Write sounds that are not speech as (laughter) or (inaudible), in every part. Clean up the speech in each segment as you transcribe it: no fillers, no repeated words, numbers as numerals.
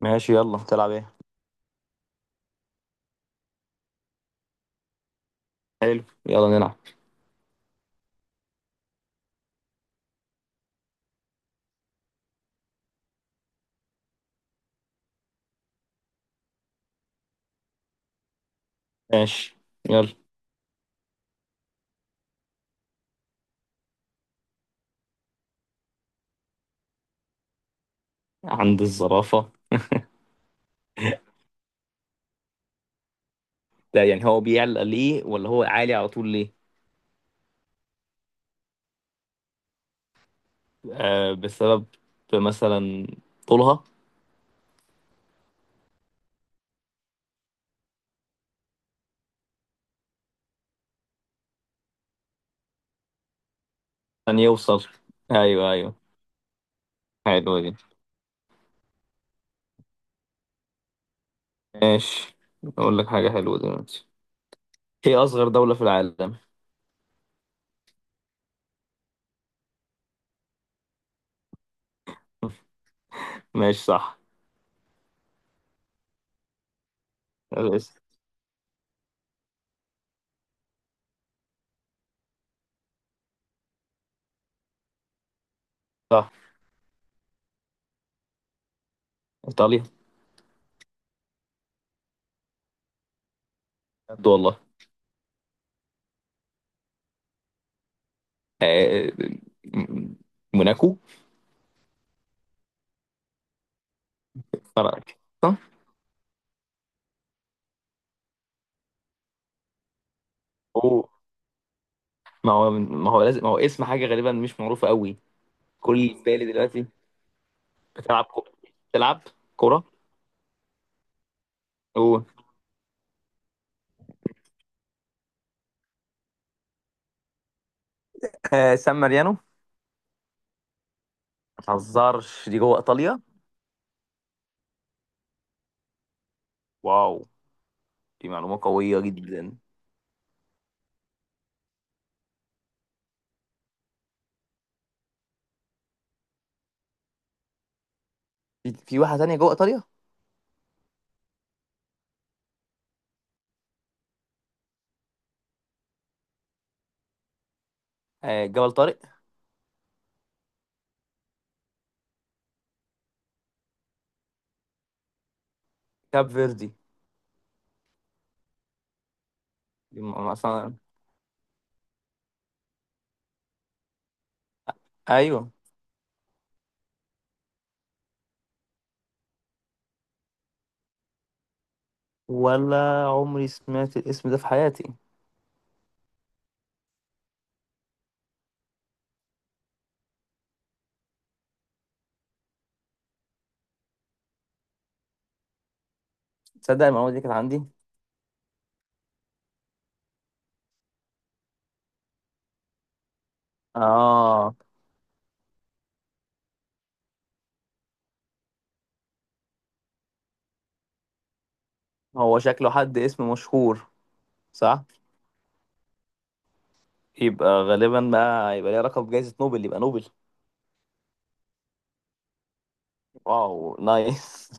ماشي، يلا تلعب ايه. حلو، يلا نلعب. ماشي، يلا. عند الزرافة؟ ده يعني هو بيعلى ليه، ولا هو عالي على طول ليه؟ آه، بسبب مثلا طولها. أن يوصل. أيوه أيوه، حلوة دي. ماشي. أقول لك حاجة حلوة دلوقتي. هي أصغر دولة في العالم. ماشي صح. الاسم. صح. إيطاليا. بجد والله؟ آه. م- موناكو. فرقك. صح؟ أوه. ما هو لازم ما هو اسم حاجة غالبا مش معروفة قوي. كل اللي في بالي دلوقتي. بتلعب كو... بتلعب كورة. قول. سان ماريانو. ما تهزرش، دي جوه إيطاليا. واو، دي معلومة قوية جدا. في واحدة تانية جوه إيطاليا. جبل طارق. كاب فيردي دي مثلا. أيوة. ولا عمري سمعت الاسم ده في حياتي. تصدق المعلومة دي كانت عندي. آه هو شكله حد اسم مشهور. صح. يبقى غالبا بقى، يبقى ليه علاقة بجائزة نوبل. يبقى نوبل. واو نايس.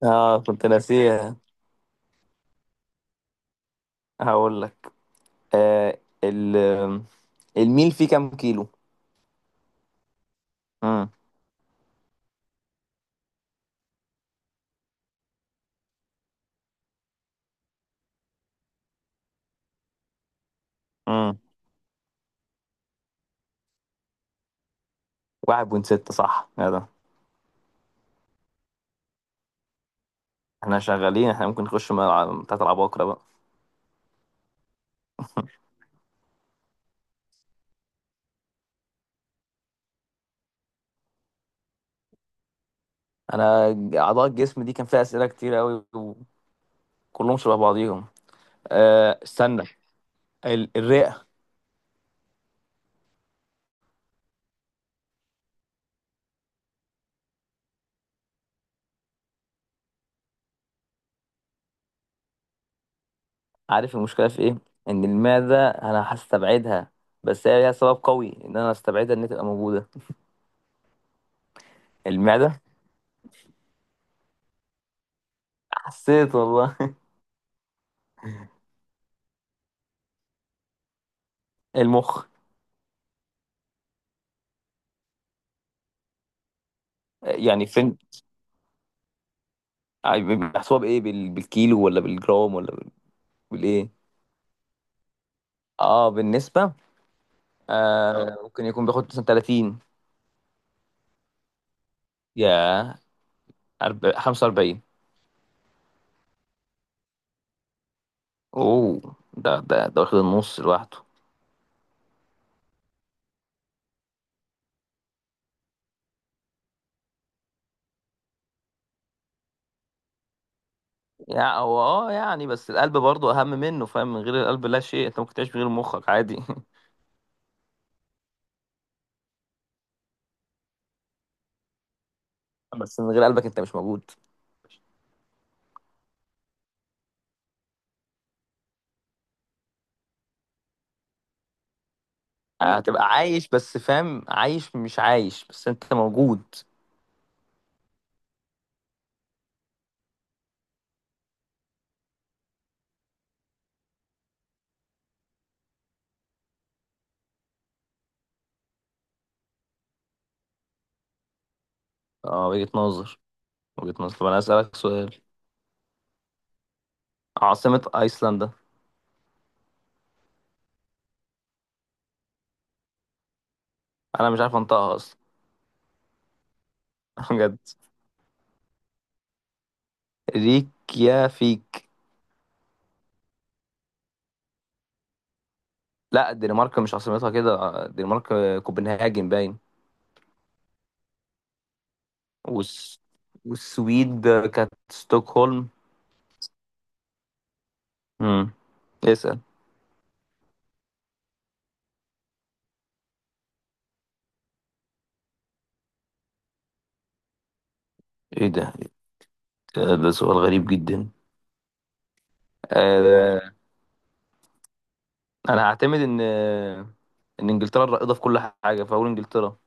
(laughs) آه، كنت ناسيها. هقول لك. آه ال الميل فيه كام كيلو؟ امم امم واحد بوينت ستة، صح يا ده. احنا شغالين، احنا ممكن نخش من بتاعت العباقرة بقى. انا. اعضاء الجسم دي كان فيها اسئلة كتير قوي، وكلهم شبه بعضيهم. استنى. الرئة. عارف المشكلة في ايه؟ ان المعدة انا هستبعدها، بس هي ليها سبب قوي ان انا استبعدها ان هي تبقى موجودة. المعدة. حسيت والله. (laughs) المخ. يعني فين؟ بيحسبوها بايه؟ بالكيلو ولا بالجرام ولا بالايه؟ اه، بالنسبة. ممكن يكون بياخد مثلا 30 يا 45. اوه، ده واخد النص لوحده. يعني هو يعني بس القلب برضه اهم منه، فاهم؟ من غير القلب لا شيء. انت ممكن تعيش من غير مخك عادي. (laughs) بس من غير قلبك انت مش موجود. هتبقى عايش بس، فاهم؟ عايش مش عايش، بس انت موجود. اه، وجهة نظر، وجهة نظر. طب انا اسألك سؤال. عاصمة ايسلندا. انا مش عارف انطقها اصلا. (laughs) بجد. ريكيافيك. لا الدنمارك مش عاصمتها كده، الدنمارك كوبنهاجن باين. والس... والسويد كانت ستوكهولم. امم. اسأل. ايه ده؟ إيه ده سؤال غريب جدا. آه... انا هعتمد ان ان انجلترا الرائده في كل حاجه، فاقول انجلترا.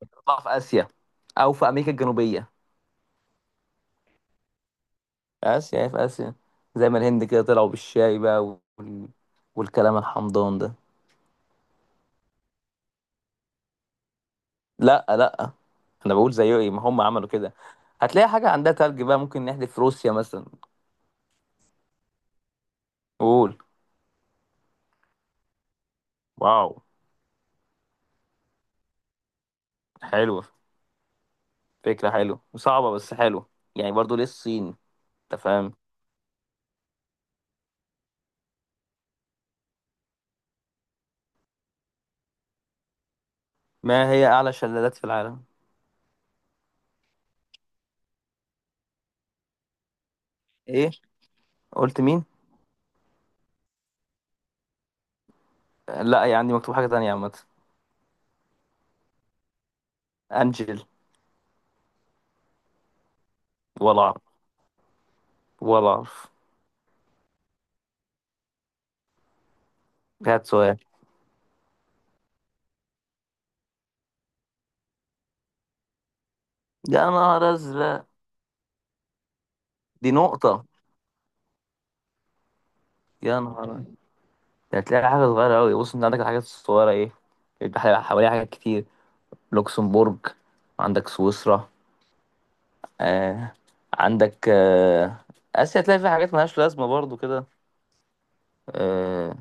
تطلع في اسيا، او في امريكا الجنوبيه. اسيا. هي في اسيا. زي ما الهند كده طلعوا بالشاي بقى وال... والكلام الحمضان ده. لا لا، انا بقول زي ايه ما هم عملوا كده. هتلاقي حاجه عندها تلج بقى، ممكن نحذف روسيا مثلا. قول. واو. حلوة. فكرة حلوة وصعبة، بس حلوة. يعني برضو ليه الصين؟ انت فاهم. ما هي أعلى شلالات في العالم؟ ايه، قلت مين؟ لا هي عندي مكتوب حاجة تانية عامة. أنجل. ولا أعرف، ولا أعرف. هات سؤال. يا نهار أزرق. دي نقطة. يا نهار أبيض. ده هتلاقي حاجة صغيرة أوي. بص، أنت عندك الحاجات الصغيرة ايه، يبقى حواليها حاجات كتير. لوكسمبورج. عندك سويسرا. آه. عندك آه. آسيا تلاقي فيها حاجات ملهاش لازمة برضو كده. آه،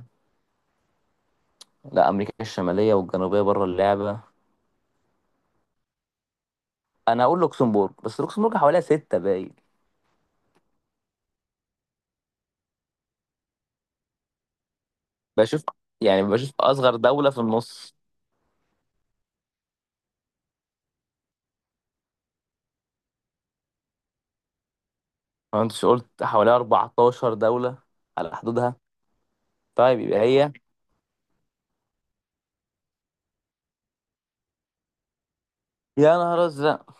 لا امريكا الشماليه والجنوبيه بره اللعبه. انا اقول لوكسمبورج، بس لوكسمبورج حواليها سته باين. بشوف. يعني بشوف اصغر دوله في النص. ما انتش قلت حواليها 14 دوله على حدودها؟ طيب يبقى هي. يا نهار ازرق.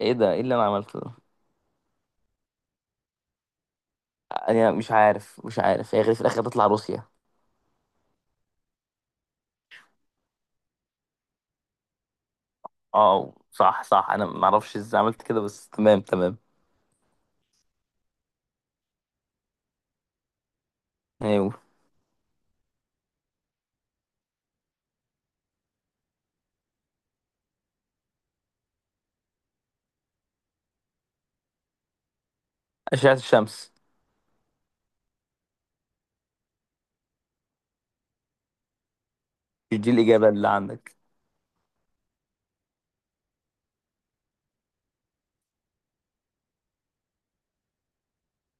ايه ده؟ ايه اللي انا عملته ده؟ انا مش عارف، مش عارف. هي غير في الاخر تطلع روسيا. اه صح صح، انا ما اعرفش ازاي عملت كده، بس تمام تمام. ايوه، اشعه الشمس. مش دي الاجابه اللي عندك.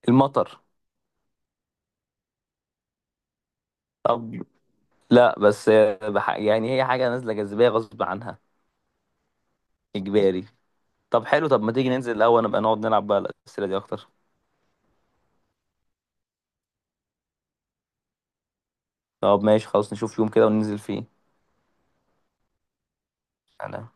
المطر. طب لا بس. يعني هي حاجه نازله، جاذبيه غصب عنها. اجباري. طب حلو، طب ما تيجي ننزل الاول، نبقى نقعد نلعب بقى الاسئله دي اكتر. طب ماشي خلاص، نشوف يوم كده وننزل فيه. انا